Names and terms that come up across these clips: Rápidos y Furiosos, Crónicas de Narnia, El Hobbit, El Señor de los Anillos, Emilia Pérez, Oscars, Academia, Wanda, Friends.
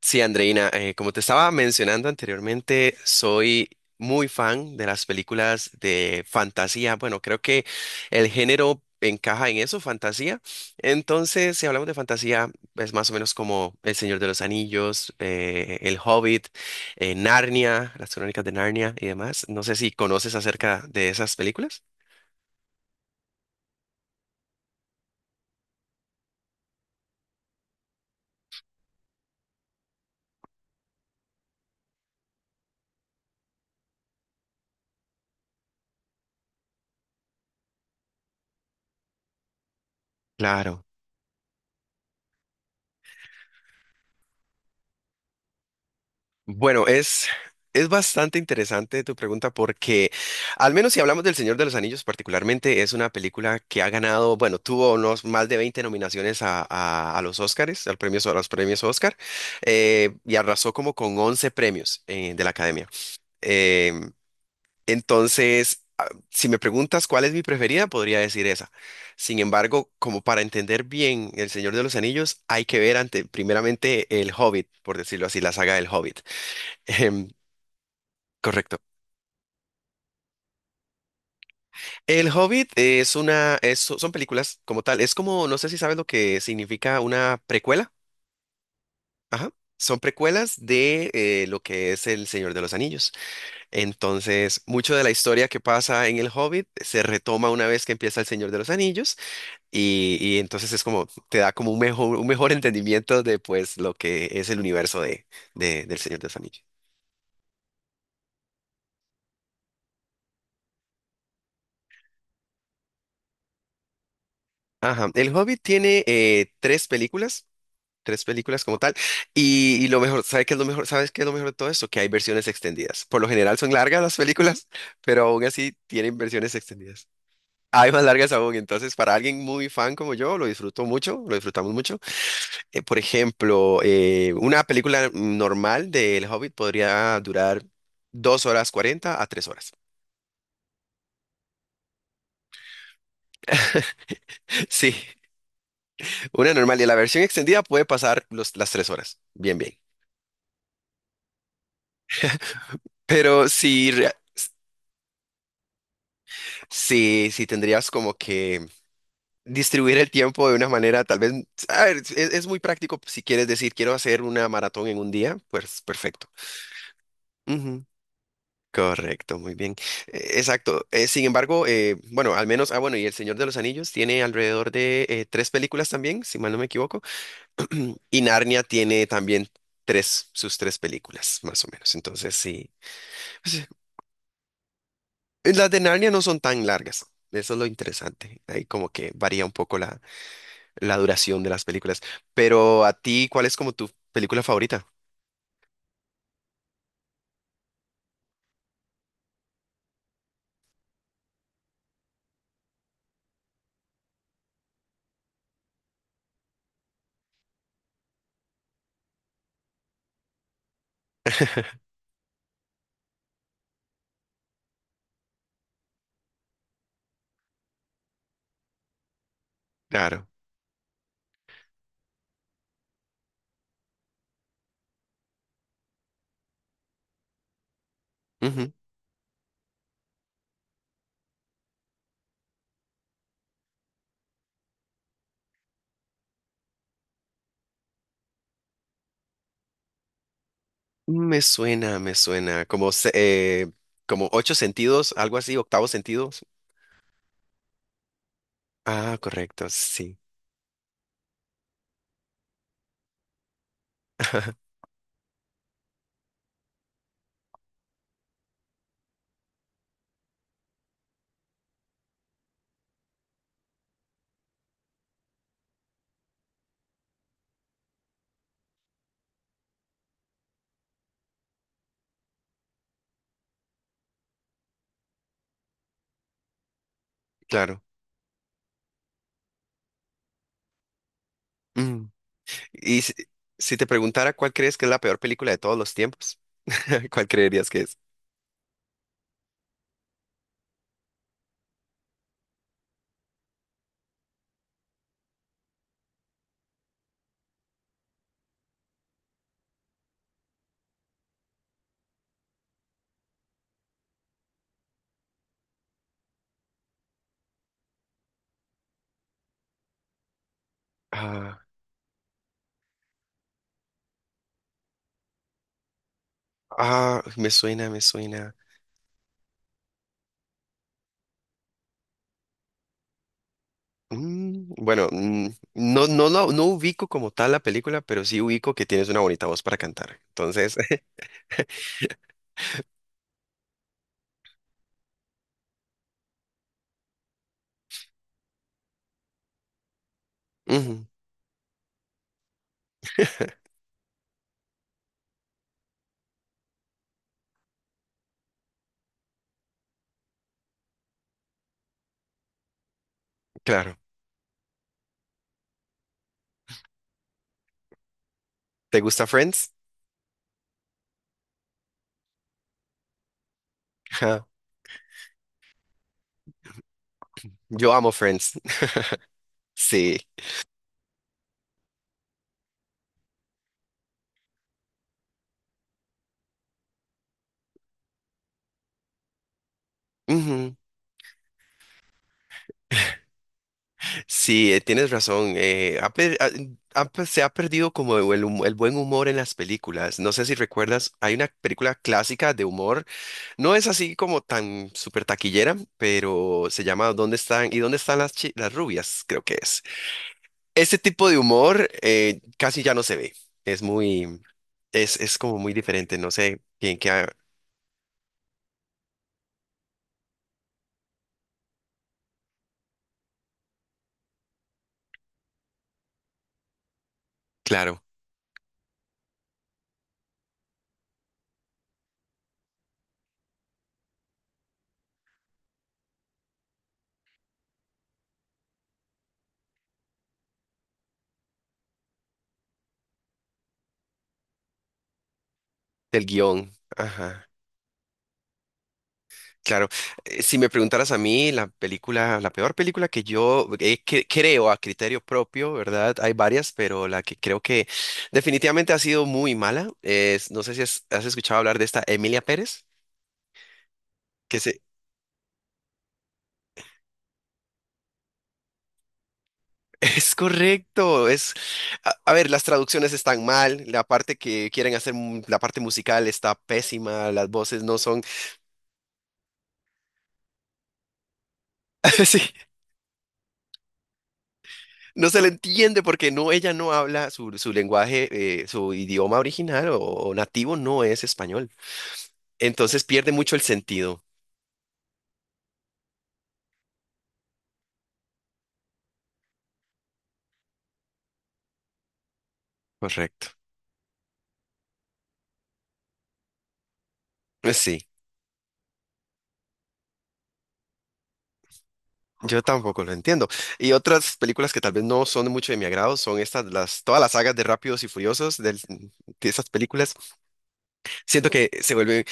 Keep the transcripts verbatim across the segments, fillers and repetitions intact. Sí, Andreina, eh, como te estaba mencionando anteriormente, soy muy fan de las películas de fantasía. Bueno, creo que el género encaja en eso, fantasía. Entonces, si hablamos de fantasía, es más o menos como El Señor de los Anillos, eh, El Hobbit, eh, Narnia, las Crónicas de Narnia y demás. No sé si conoces acerca de esas películas. Claro. Bueno, es, es bastante interesante tu pregunta porque, al menos si hablamos del Señor de los Anillos particularmente, es una película que ha ganado, bueno, tuvo unos más de veinte nominaciones a, a- a los Oscars, al premio, a los premios Oscar, eh, y arrasó como con once premios eh, de la Academia. Em, entonces, ah, si me preguntas cuál es mi preferida, podría decir esa. Sin embargo, como para entender bien El Señor de los Anillos, hay que ver ante, primeramente El Hobbit, por decirlo así, la saga del Hobbit. Correcto. El Hobbit es una, es- son películas como tal. Es como, no sé si sabes lo que significa una precuela. Ajá. Son precuelas de eh, lo que es El Señor de los Anillos. Entonces, mucho de la historia que pasa en El Hobbit se retoma una vez que empieza El Señor de los Anillos y, y entonces es como, te da como un mejor, un mejor entendimiento de pues lo que es el universo de, de- del Señor de los Anillos. Ajá. El Hobbit tiene eh, tres películas. tres películas como tal. Y, y lo mejor, ¿sabes qué es lo mejor? ¿Sabes qué es lo mejor de todo esto? Que hay versiones extendidas. Por lo general son largas las películas, pero aún así tienen versiones extendidas. Hay más largas aún, entonces para alguien muy fan como yo, lo disfruto mucho, lo disfrutamos mucho. Eh, por ejemplo, eh, una película normal de El Hobbit podría durar dos horas cuarenta a tres horas. Sí, una normal y la versión extendida puede pasar los, las tres horas. Bien, bien. Pero si, rea- si, si tendrías como que distribuir el tiempo de una manera, tal vez, a ver, es, es muy práctico si quieres decir, quiero hacer una maratón en un día, pues perfecto. Ujú, correcto, muy bien. Eh, exacto. Eh, sin embargo, eh, bueno, al menos, ah, bueno, y El Señor de los Anillos tiene alrededor de eh, tres películas también, si mal no me equivoco. Y Narnia tiene también tres, sus tres películas, más o menos. Entonces, sí. Pues, eh, las de Narnia no son tan largas. Eso es lo interesante. Ahí como que varía un poco la. la duración de las películas. Pero a ti, ¿cuál es como tu película favorita? Claro. Ujú. Me suena, me suena. Como, se- eh, como ocho sentidos, algo así, octavo sentido. Ah, correcto, sí. Claro. Mm. Y si, si te preguntara cuál crees que es la peor película de todos los tiempos, ¿cuál creerías que es? Ah, ah, me suena, me suena. Mm, bueno, mm, no, no, no, no ubico como tal la película, pero sí ubico que tienes una bonita voz para cantar. Entonces, Ujú, claro. ¿Te gusta Friends? Ja, yo amo Friends. Sí. Ujú. Sí, eh, tienes razón. Eh, ha per- ha- ha per- se ha perdido como el, hum- el buen humor en las películas. No sé si recuerdas, hay una película clásica de humor. No es así como tan súper taquillera, pero se llama ¿Dónde están? ¿Y dónde están las, chi- las rubias? Creo que es. Ese tipo de humor eh, casi ya no se ve. Es muy, es, es como muy diferente. No sé bien qué, ha- claro, del guión. Ajá. Claro, eh, si me preguntaras a mí, la película, la peor película que yo eh, que- creo a criterio propio, ¿verdad? Hay varias, pero la que creo que definitivamente ha sido muy mala es, no sé si has, has escuchado hablar de esta Emilia Pérez, que se, es correcto, es, a, a ver, las traducciones están mal, la parte que quieren hacer, mu- la parte musical está pésima, las voces no son, sí, no se le entiende porque no, ella no habla su, su lenguaje, eh, su idioma original o o nativo no es español. Entonces pierde mucho el sentido. Correcto. Sí, yo tampoco lo entiendo. Y otras películas que tal vez no son mucho de mi agrado son estas, las, todas las sagas de Rápidos y Furiosos del- de esas películas. Siento que se vuelven,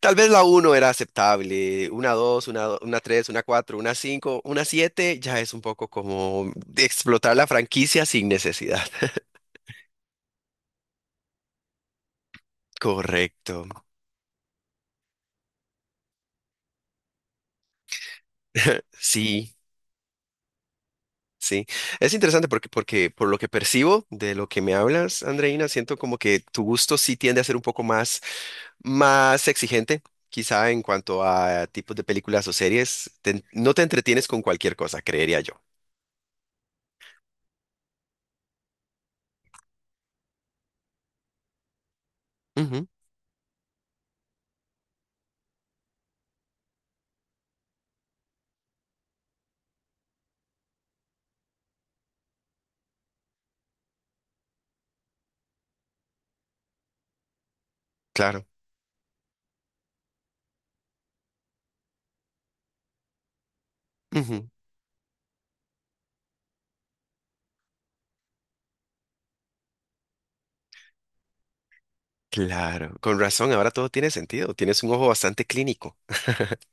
tal vez la uno era aceptable, una dos, una, do- una tres, una cuatro, una cinco, una siete ya es un poco como de explotar la franquicia sin necesidad. Correcto. Sí. Sí, es interesante porque, porque por lo que percibo de lo que me hablas, Andreina, siento como que tu gusto sí tiende a ser un poco más, más exigente, quizá en cuanto a tipos de películas o series. Te- no te entretienes con cualquier cosa, creería yo. Ujú, claro, ujú, claro. Con razón, ahora todo tiene sentido. Tienes un ojo bastante clínico.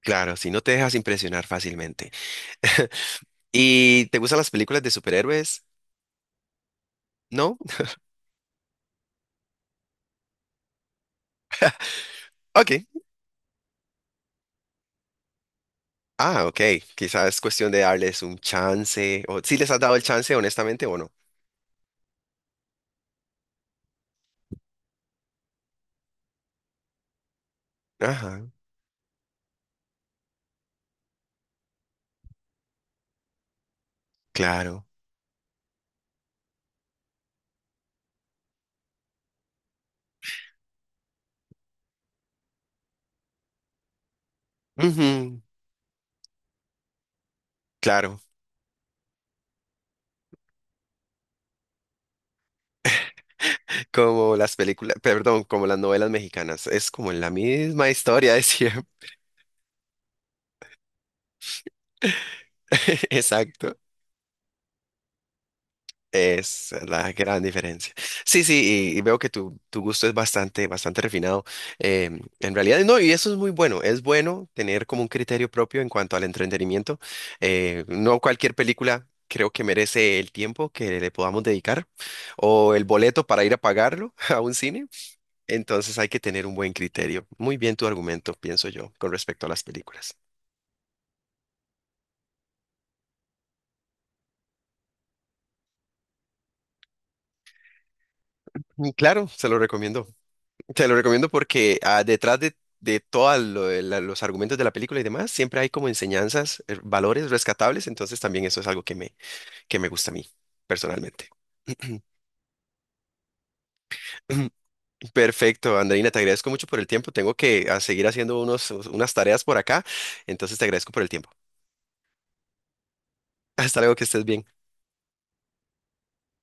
Claro, si no te dejas impresionar fácilmente. ¿Y te gustan las películas de superhéroes? ¿No? Ok. Ah, ok. Quizás es cuestión de darles un chance. O si les has dado el chance, honestamente, o no. Ajá, claro. Ujú, claro. Como las películas, perdón, como las novelas mexicanas. Es como la misma historia de siempre. Exacto. Es la gran diferencia. Sí, sí, y, y veo que tu, tu gusto es bastante, bastante refinado. Em, en realidad, no, y eso es muy bueno. Es bueno tener como un criterio propio en cuanto al entretenimiento. Eh, no cualquier película creo que merece el tiempo que le podamos dedicar o el boleto para ir a pagarlo a un cine. Entonces hay que tener un buen criterio. Muy bien tu argumento, pienso yo, con respecto a las películas. Y claro, se lo recomiendo. Te lo recomiendo porque ah, detrás de, de todos los argumentos de la película y demás, siempre hay como enseñanzas, eh, valores rescatables, entonces también eso es algo que me, que me gusta a mí, personalmente. Perfecto, Andreina, te agradezco mucho por el tiempo. Tengo que ah, seguir haciendo unos, unas tareas por acá, entonces te agradezco por el tiempo. Hasta luego, que estés bien.